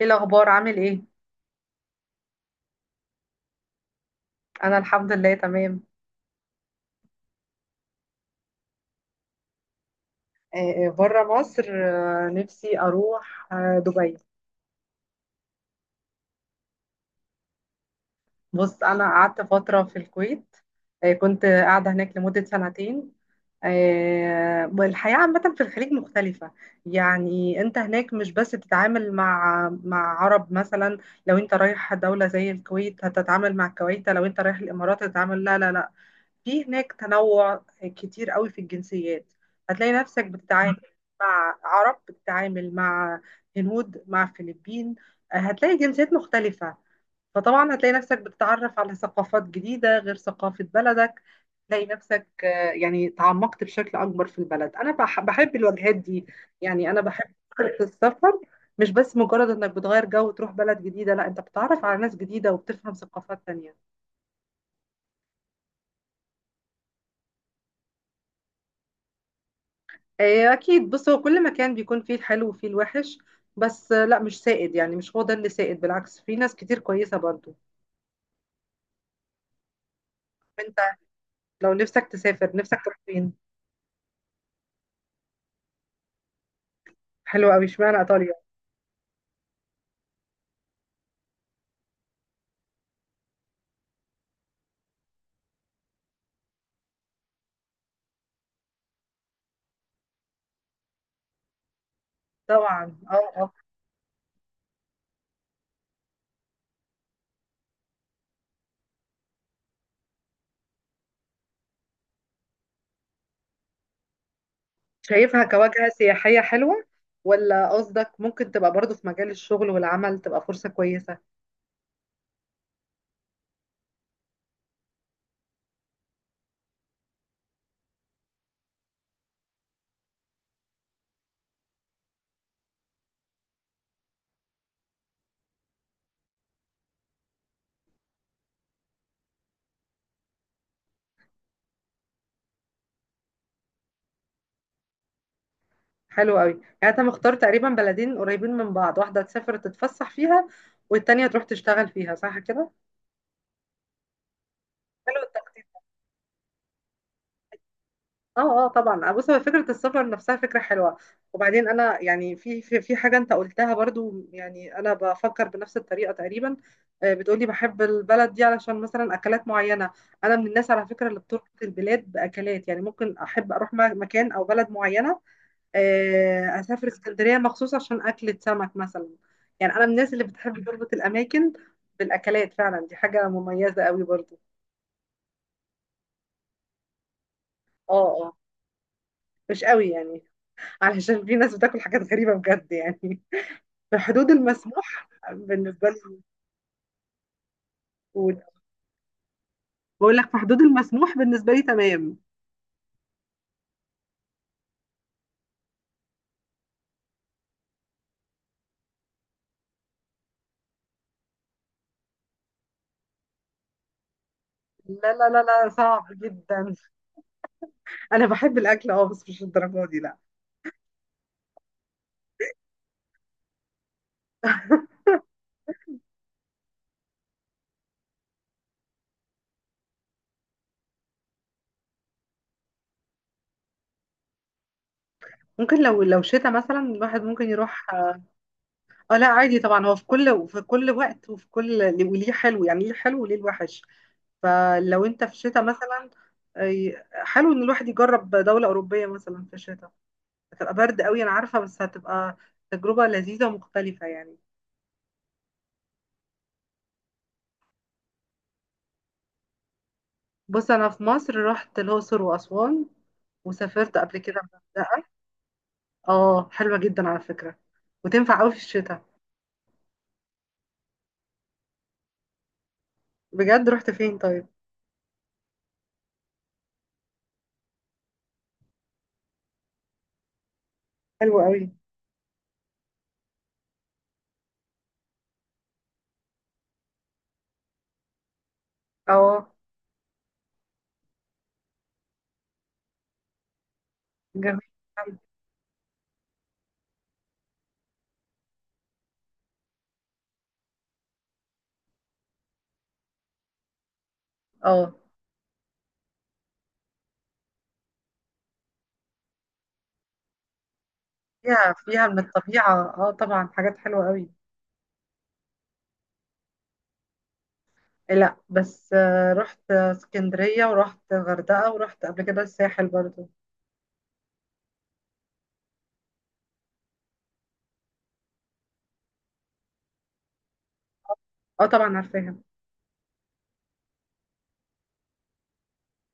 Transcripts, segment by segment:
ايه الاخبار، عامل ايه؟ انا الحمد لله تمام. آه، بره مصر. نفسي اروح دبي. بص، انا قعدت فتره في الكويت. كنت قاعده هناك لمده سنتين. والحياه عامه في الخليج مختلفه. يعني انت هناك مش بس بتتعامل مع عرب مثلا. لو انت رايح دوله زي الكويت هتتعامل مع الكويت، لو انت رايح الامارات هتتعامل. لا، لا، لا. في هناك تنوع كتير قوي في الجنسيات. هتلاقي نفسك بتتعامل مع عرب، بتتعامل مع هنود، مع فلبين. هتلاقي جنسيات مختلفة. فطبعا هتلاقي نفسك بتتعرف على ثقافات جديدة غير ثقافة بلدك. تلاقي نفسك يعني تعمقت بشكل أكبر في البلد. أنا بحب الوجهات دي، يعني أنا بحب فكرة السفر. مش بس مجرد إنك بتغير جو وتروح بلد جديدة، لا، أنت بتتعرف على ناس جديدة وبتفهم ثقافات تانية. آه، اكيد. بص، هو كل مكان بيكون فيه الحلو وفيه الوحش. بس لا، مش سائد، يعني مش هو ده اللي سائد، بالعكس في ناس كتير كويسة برضو. انت، لو نفسك تسافر نفسك تروح فين؟ حلو قوي، اشمعنى ايطاليا؟ طبعا، اه، اه. شايفها كواجهة سياحية حلوة، ولا قصدك ممكن تبقى برضو في مجال الشغل والعمل تبقى فرصة كويسة؟ حلو قوي، يعني انت مختار تقريبا بلدين قريبين من بعض، واحدة تسافر تتفسح فيها والتانية تروح تشتغل فيها، صح كده؟ حلو التخطيط. اه، اه، طبعا. بص، هو فكره السفر نفسها فكره حلوه. وبعدين انا يعني في حاجه انت قلتها برضو، يعني انا بفكر بنفس الطريقه تقريبا. بتقولي بحب البلد دي علشان مثلا اكلات معينه. انا من الناس على فكره اللي بتربط البلاد باكلات، يعني ممكن احب اروح مكان او بلد معينه. اسافر اسكندريه مخصوص عشان اكله سمك مثلا. يعني انا من الناس اللي بتحب تربط الاماكن بالاكلات، فعلا دي حاجه مميزه قوي برضو. اه، اه، مش قوي يعني، علشان في ناس بتاكل حاجات غريبة بجد يعني. في حدود المسموح بالنسبة لي. موجود. بقول لك في حدود المسموح بالنسبة لي تمام. لا، لا، لا، لا، صعب جدا. انا بحب الاكل، اه، بس مش الدرجة دي، لا. ممكن لو شتاء مثلا الواحد ممكن يروح، اه. لا، عادي طبعا، هو في كل وقت، وفي كل وليه حلو، يعني ليه حلو وليه الوحش. فلو انت في شتاء مثلا، أي- حلو ان الواحد يجرب دولة أوروبية مثلا في الشتاء. هتبقى برد قوي، انا عارفة، بس هتبقى تجربة لذيذة ومختلفة يعني. بص، انا في مصر رحت الاقصر واسوان، وسافرت قبل كده الغردقه. اه، حلوه جدا على فكره وتنفع قوي في الشتاء. بجد رحت فين طيب؟ حلوه قوي. اه، جميل أوي. اه، فيها من الطبيعه، اه، طبعا حاجات حلوه قوي. لا بس رحت اسكندريه ورحت غردقه ورحت قبل كده الساحل برضو. اه، طبعا عارفاها.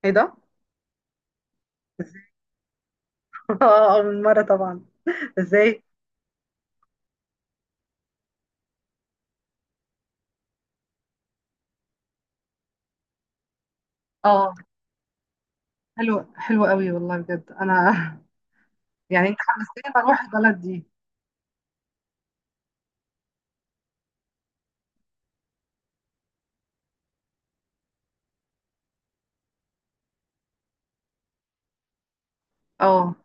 ايه ده؟ اه، من مره طبعا. ازاي؟ اه، حلو، حلو قوي والله، بجد انا يعني انت حمستني ما اروح البلد دي. اه،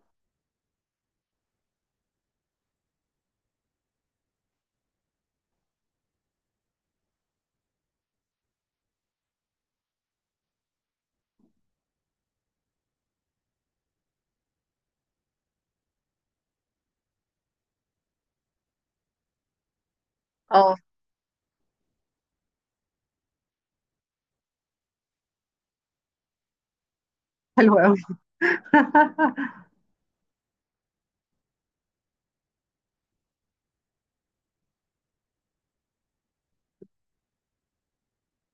اه، حلو قوي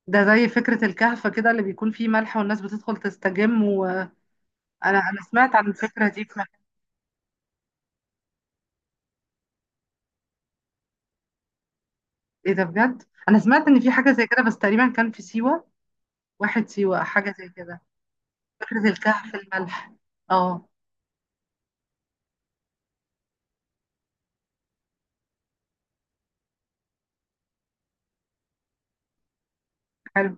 ده زي فكرة الكهف كده، اللي بيكون فيه ملح والناس بتدخل تستجم، وانا أنا سمعت عن الفكرة دي في مكان. ايه ده بجد؟ انا سمعت ان في حاجة زي كده بس تقريبا كان في سيوة. واحد سيوة، حاجة زي كده. فكرة الكهف الملح. اه، حلو.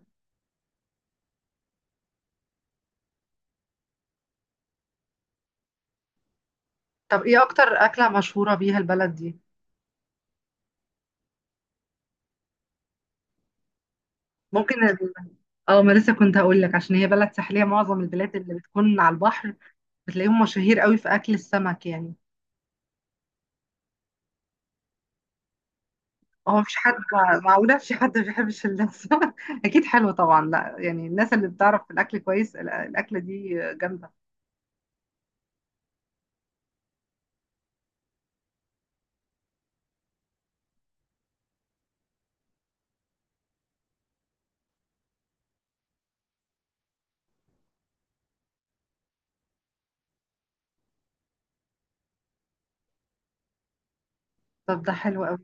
طب ايه اكتر اكلة مشهورة بيها البلد دي؟ ممكن ال- اه، ما لسه كنت هقول لك، عشان هي بلد ساحلية، معظم البلاد اللي بتكون على البحر بتلاقيهم مشاهير قوي في اكل السمك يعني. هو مفيش حد؟ معقولة مفيش حد ما بيحبش اللسة؟ أكيد حلو طبعا، لا يعني الناس اللي بتعرف في الأكل كويس، الأكلة دي جامدة. طب ده حلو أوي.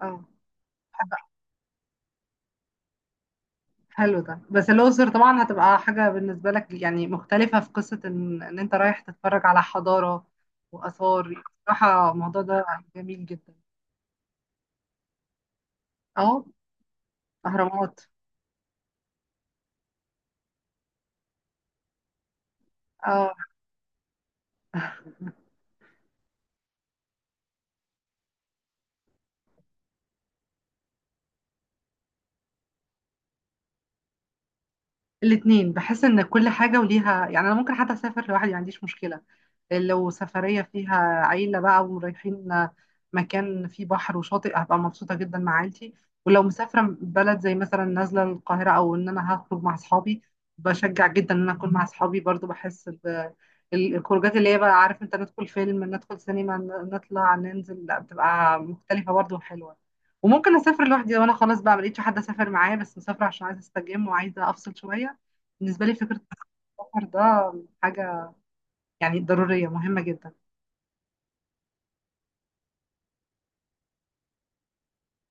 اه، حلو. حلو ده، بس الأقصر طبعا هتبقى حاجة بالنسبة لك يعني مختلفة، في قصة إن أنت رايح تتفرج على حضارة وآثار، بصراحة الموضوع ده جميل جدا. اه، أهرامات. اه الاتنين، بحس ان كل حاجة وليها، يعني انا ممكن حتى اسافر لوحدي، ما عنديش مشكلة. لو سفرية فيها عيلة بقى ورايحين مكان فيه بحر وشاطئ، هبقى مبسوطة جدا مع عيلتي. ولو مسافرة بلد زي مثلا نازلة القاهرة، او ان انا هخرج مع اصحابي، بشجع جدا ان انا اكون مع اصحابي برضو، بحس ب الخروجات اللي هي بقى، عارف انت، ندخل فيلم، ندخل سينما، نطلع ننزل، لا بتبقى مختلفة برضو وحلوة. وممكن اسافر لوحدي لو انا خلاص بقى ملقتش حد اسافر معايا، بس مسافرة عشان عايزة استجم وعايزة افصل شوية. بالنسبة لي فكرة السفر ده حاجة يعني ضرورية مهمة جدا.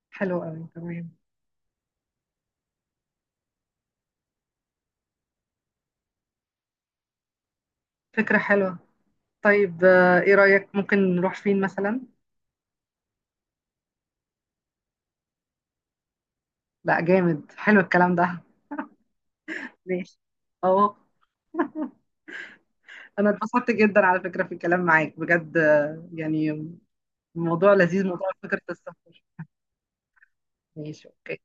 حلوة قوي تمام. فكرة حلوة. طيب ايه رأيك ممكن نروح فين مثلا؟ لا، جامد، حلو الكلام ده. ماشي، اه. انا اتبسطت جدا على فكرة في الكلام معاك بجد، يعني موضوع لذيذ، موضوع فكرة السفر. ماشي، اوكي.